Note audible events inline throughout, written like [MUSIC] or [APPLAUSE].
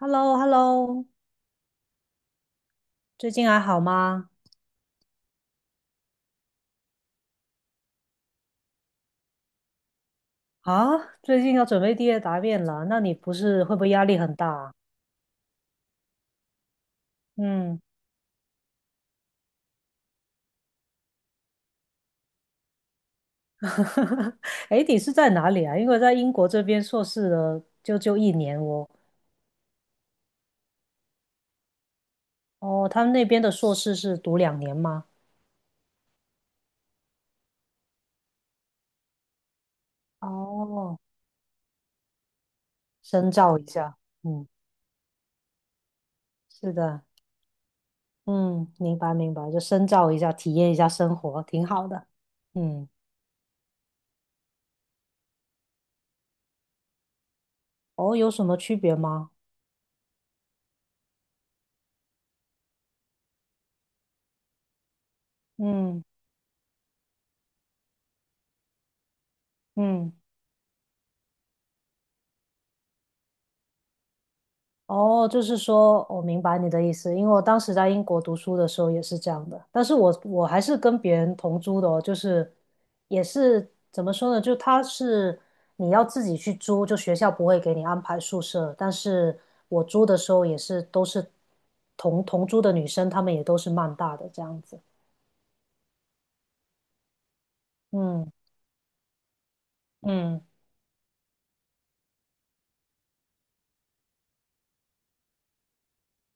h e l l o 最近还好吗？啊，最近要准备毕业答辩了，那你不是会不会压力很大啊？嗯，[LAUGHS] 哎你是在哪里啊？因为在英国这边硕士的就一年哦。哦，他们那边的硕士是读2年吗？哦，深造一下，嗯，是的，嗯，明白明白，就深造一下，体验一下生活，挺好的。嗯，哦，有什么区别吗？嗯嗯。哦，就是说，我明白你的意思，因为我当时在英国读书的时候也是这样的，但是我还是跟别人同租的哦，就是也是怎么说呢，就他是你要自己去租，就学校不会给你安排宿舍，但是我租的时候也是都是同租的女生，她们也都是曼大的这样子，嗯嗯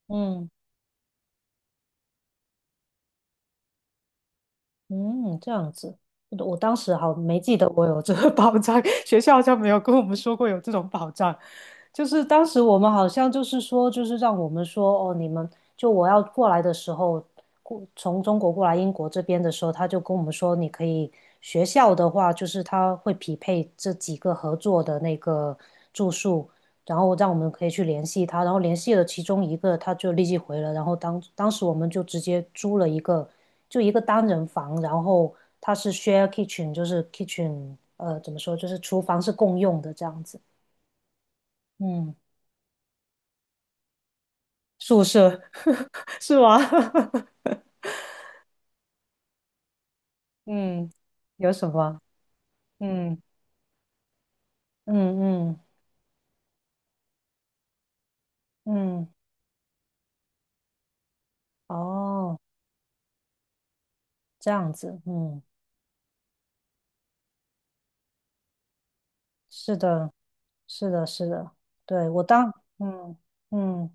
嗯嗯，这样子，我当时好没记得我有这个 [LAUGHS] 保障，[LAUGHS] 学校好像没有跟我们说过有这种保障。就是当时我们好像就是说，就是让我们说哦，你们就我要过来的时候，过从中国过来英国这边的时候，他就跟我们说，你可以学校的话，就是他会匹配这几个合作的那个住宿，然后让我们可以去联系他，然后联系了其中一个，他就立即回了，然后当时我们就直接租了一个就一个单人房，然后它是 share kitchen，就是 kitchen，怎么说，就是厨房是共用的这样子，嗯。宿舍 [LAUGHS] 是吗？[LAUGHS] 嗯，有什么？嗯嗯嗯嗯，哦，这样子，嗯，是的，是的，是的，对，我当，嗯嗯。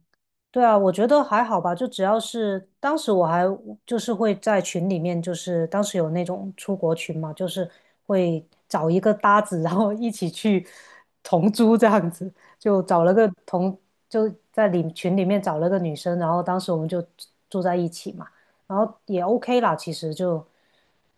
对啊，我觉得还好吧，就只要是当时我还就是会在群里面，就是当时有那种出国群嘛，就是会找一个搭子，然后一起去同租这样子，就找了个同，就在里群里面找了个女生，然后当时我们就住在一起嘛。然后也 OK 啦，其实就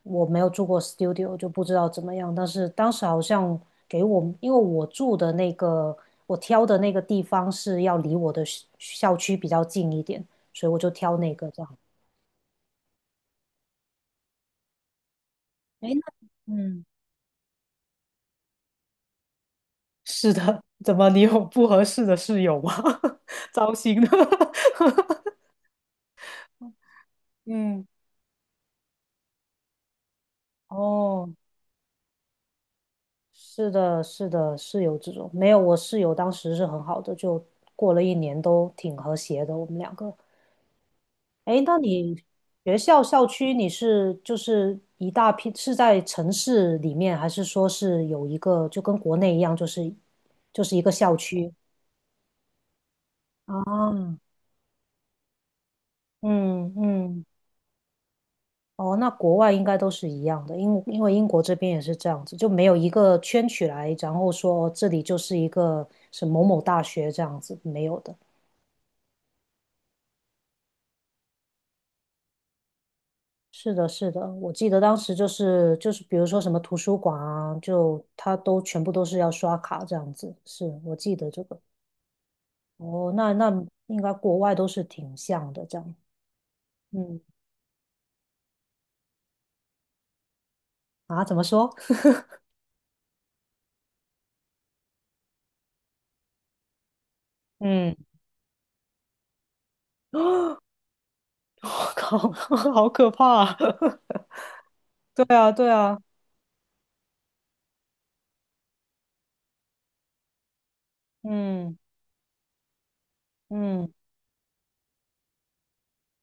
我没有住过 studio，就不知道怎么样。但是当时好像给我，因为我住的那个，我挑的那个地方是要离我的校区比较近一点，所以我就挑那个这样。哎，那嗯，是的，怎么你有不合适的室友吗？[LAUGHS] 糟心的。[LAUGHS] 嗯，哦，是的，是的，室友这种没有，我室友当时是很好的，就过了一年都挺和谐的，我们两个。哎，那你学校校区你是就是一大批是在城市里面，还是说是有一个就跟国内一样，就是就是一个校区？啊，嗯嗯，哦，那国外应该都是一样的，因为英国这边也是这样子，就没有一个圈起来，然后说哦这里就是一个是某某大学这样子，没有的。是的，是的，我记得当时就是，比如说什么图书馆啊，就他都全部都是要刷卡这样子。是我记得这个。哦，那那应该国外都是挺像的这样。嗯，啊，怎么说？[LAUGHS] 嗯，我靠，[LAUGHS] 好可怕啊 [LAUGHS] 对啊，对啊，嗯嗯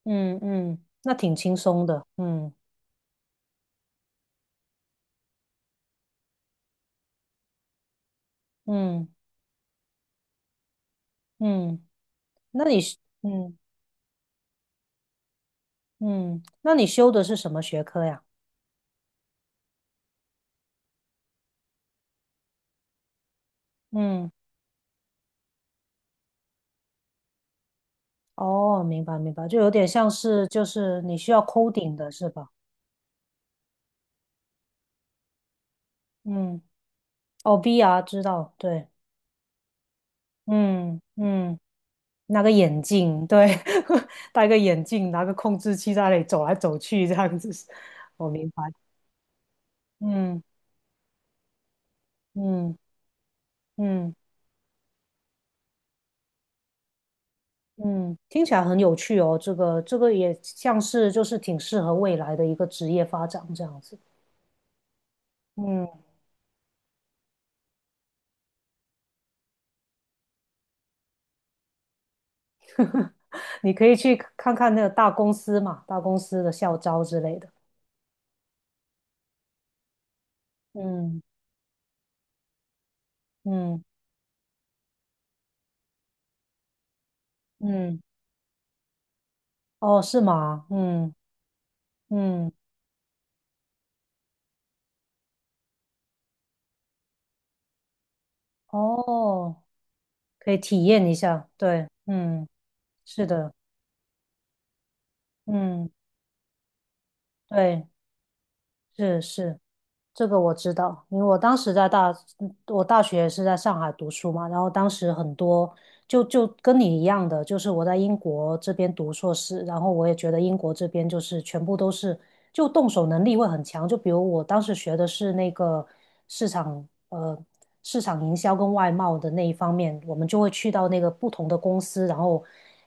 嗯嗯，那挺轻松的。嗯嗯嗯，那你是嗯嗯，那你修的是什么学科呀？嗯。哦，明白明白，就有点像是就是你需要 coding 的是吧？嗯，哦，VR 知道，对，嗯嗯，拿个眼镜，对，[LAUGHS] 戴个眼镜，拿个控制器在那里走来走去这样子，我明白，嗯嗯嗯嗯，听起来很有趣哦，这个也像是就是挺适合未来的一个职业发展这样子，嗯，[LAUGHS] 你可以去看看那个大公司嘛，大公司的校招之类的。嗯。嗯嗯，哦，是吗？嗯嗯，哦，可以体验一下，对，嗯，是的，嗯，对，是是，这个我知道，因为我当时在大，嗯我大学是在上海读书嘛，然后当时很多就跟你一样的，就是我在英国这边读硕士，然后我也觉得英国这边就是全部都是就动手能力会很强，就比如我当时学的是那个市场呃市场营销跟外贸的那一方面，我们就会去到那个不同的公司，然后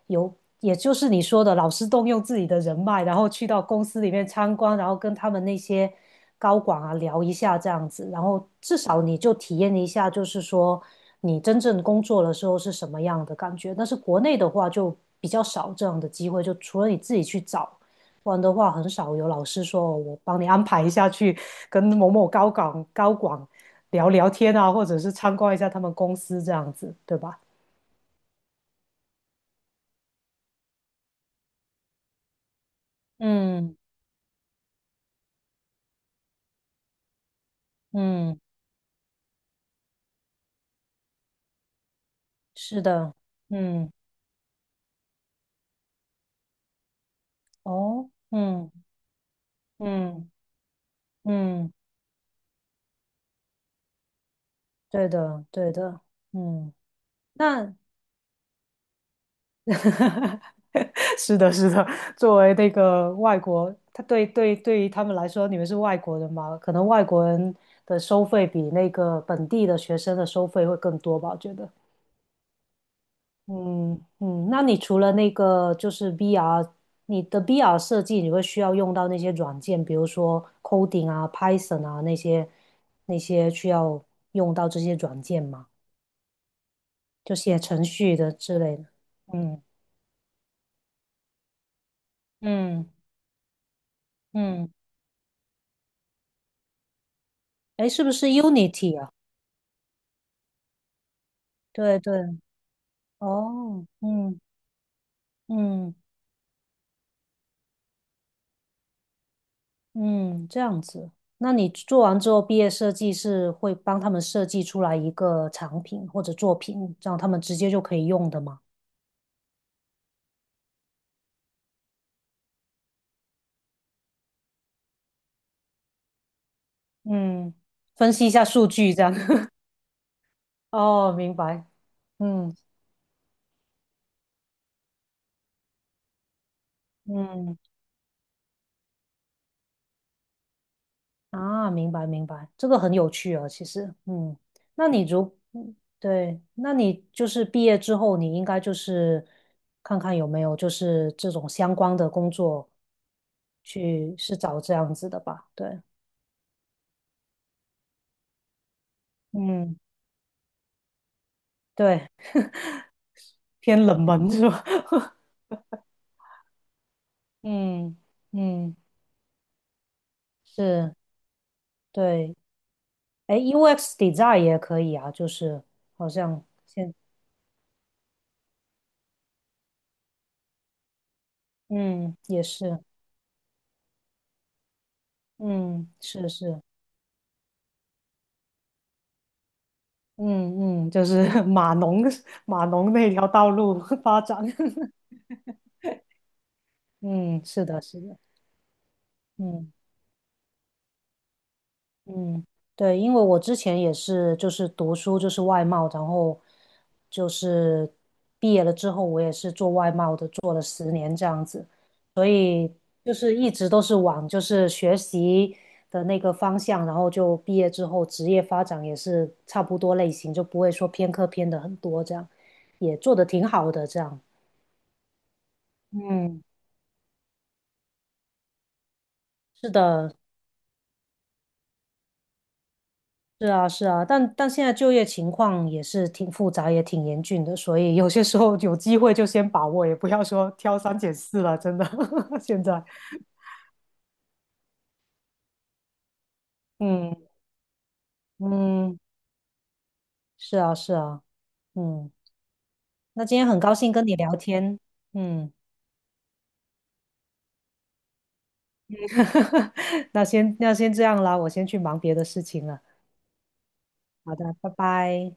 有。也就是你说的，老师动用自己的人脉，然后去到公司里面参观，然后跟他们那些高管啊聊一下这样子，然后至少你就体验一下，就是说你真正工作的时候是什么样的感觉。但是国内的话就比较少这样的机会，就除了你自己去找，不然的话很少有老师说我帮你安排一下去跟某某高管聊聊天啊，或者是参观一下他们公司这样子，对吧？嗯嗯，是的，嗯哦，嗯嗯嗯，对的对的，嗯。那 [LAUGHS] 是的，是的。作为那个外国，他对于他们来说，你们是外国人嘛？可能外国人的收费比那个本地的学生的收费会更多吧？我觉得。嗯嗯，那你除了那个就是 VR，你的 VR 设计，你会需要用到那些软件，比如说 coding 啊、Python 啊那些需要用到这些软件吗？就写程序的之类的。嗯嗯嗯。哎，是不是 Unity 啊？对对，哦，嗯嗯嗯，这样子。那你做完之后，毕业设计是会帮他们设计出来一个产品或者作品，让他们直接就可以用的吗？嗯，分析一下数据这样。[LAUGHS] 哦，明白。嗯嗯啊，明白明白，这个很有趣啊，其实，嗯，那你如，嗯对，那你就是毕业之后，你应该就是看看有没有就是这种相关的工作去是找这样子的吧，对，嗯，对，偏冷门是吧？[LAUGHS] 嗯嗯，是，对，哎，UX design 也可以啊，就是好像现，嗯，也是，嗯，是是。嗯嗯，就是 [LAUGHS] 码农那条道路发展。[LAUGHS] 嗯，是的，是的，嗯嗯，对，因为我之前也是，就是读书就是外贸，然后就是毕业了之后，我也是做外贸的，做了10年这样子，所以就是一直都是往就是学习的那个方向，然后就毕业之后职业发展也是差不多类型，就不会说偏科偏的很多这样，也做的挺好的这样，嗯。是的，是啊，是啊，但现在就业情况也是挺复杂，也挺严峻的，所以有些时候有机会就先把握，也不要说挑三拣四了，真的。[LAUGHS] 现在，嗯嗯，是啊，是啊，嗯，那今天很高兴跟你聊天，嗯，[LAUGHS] 那先这样啦，我先去忙别的事情了。好的，拜拜。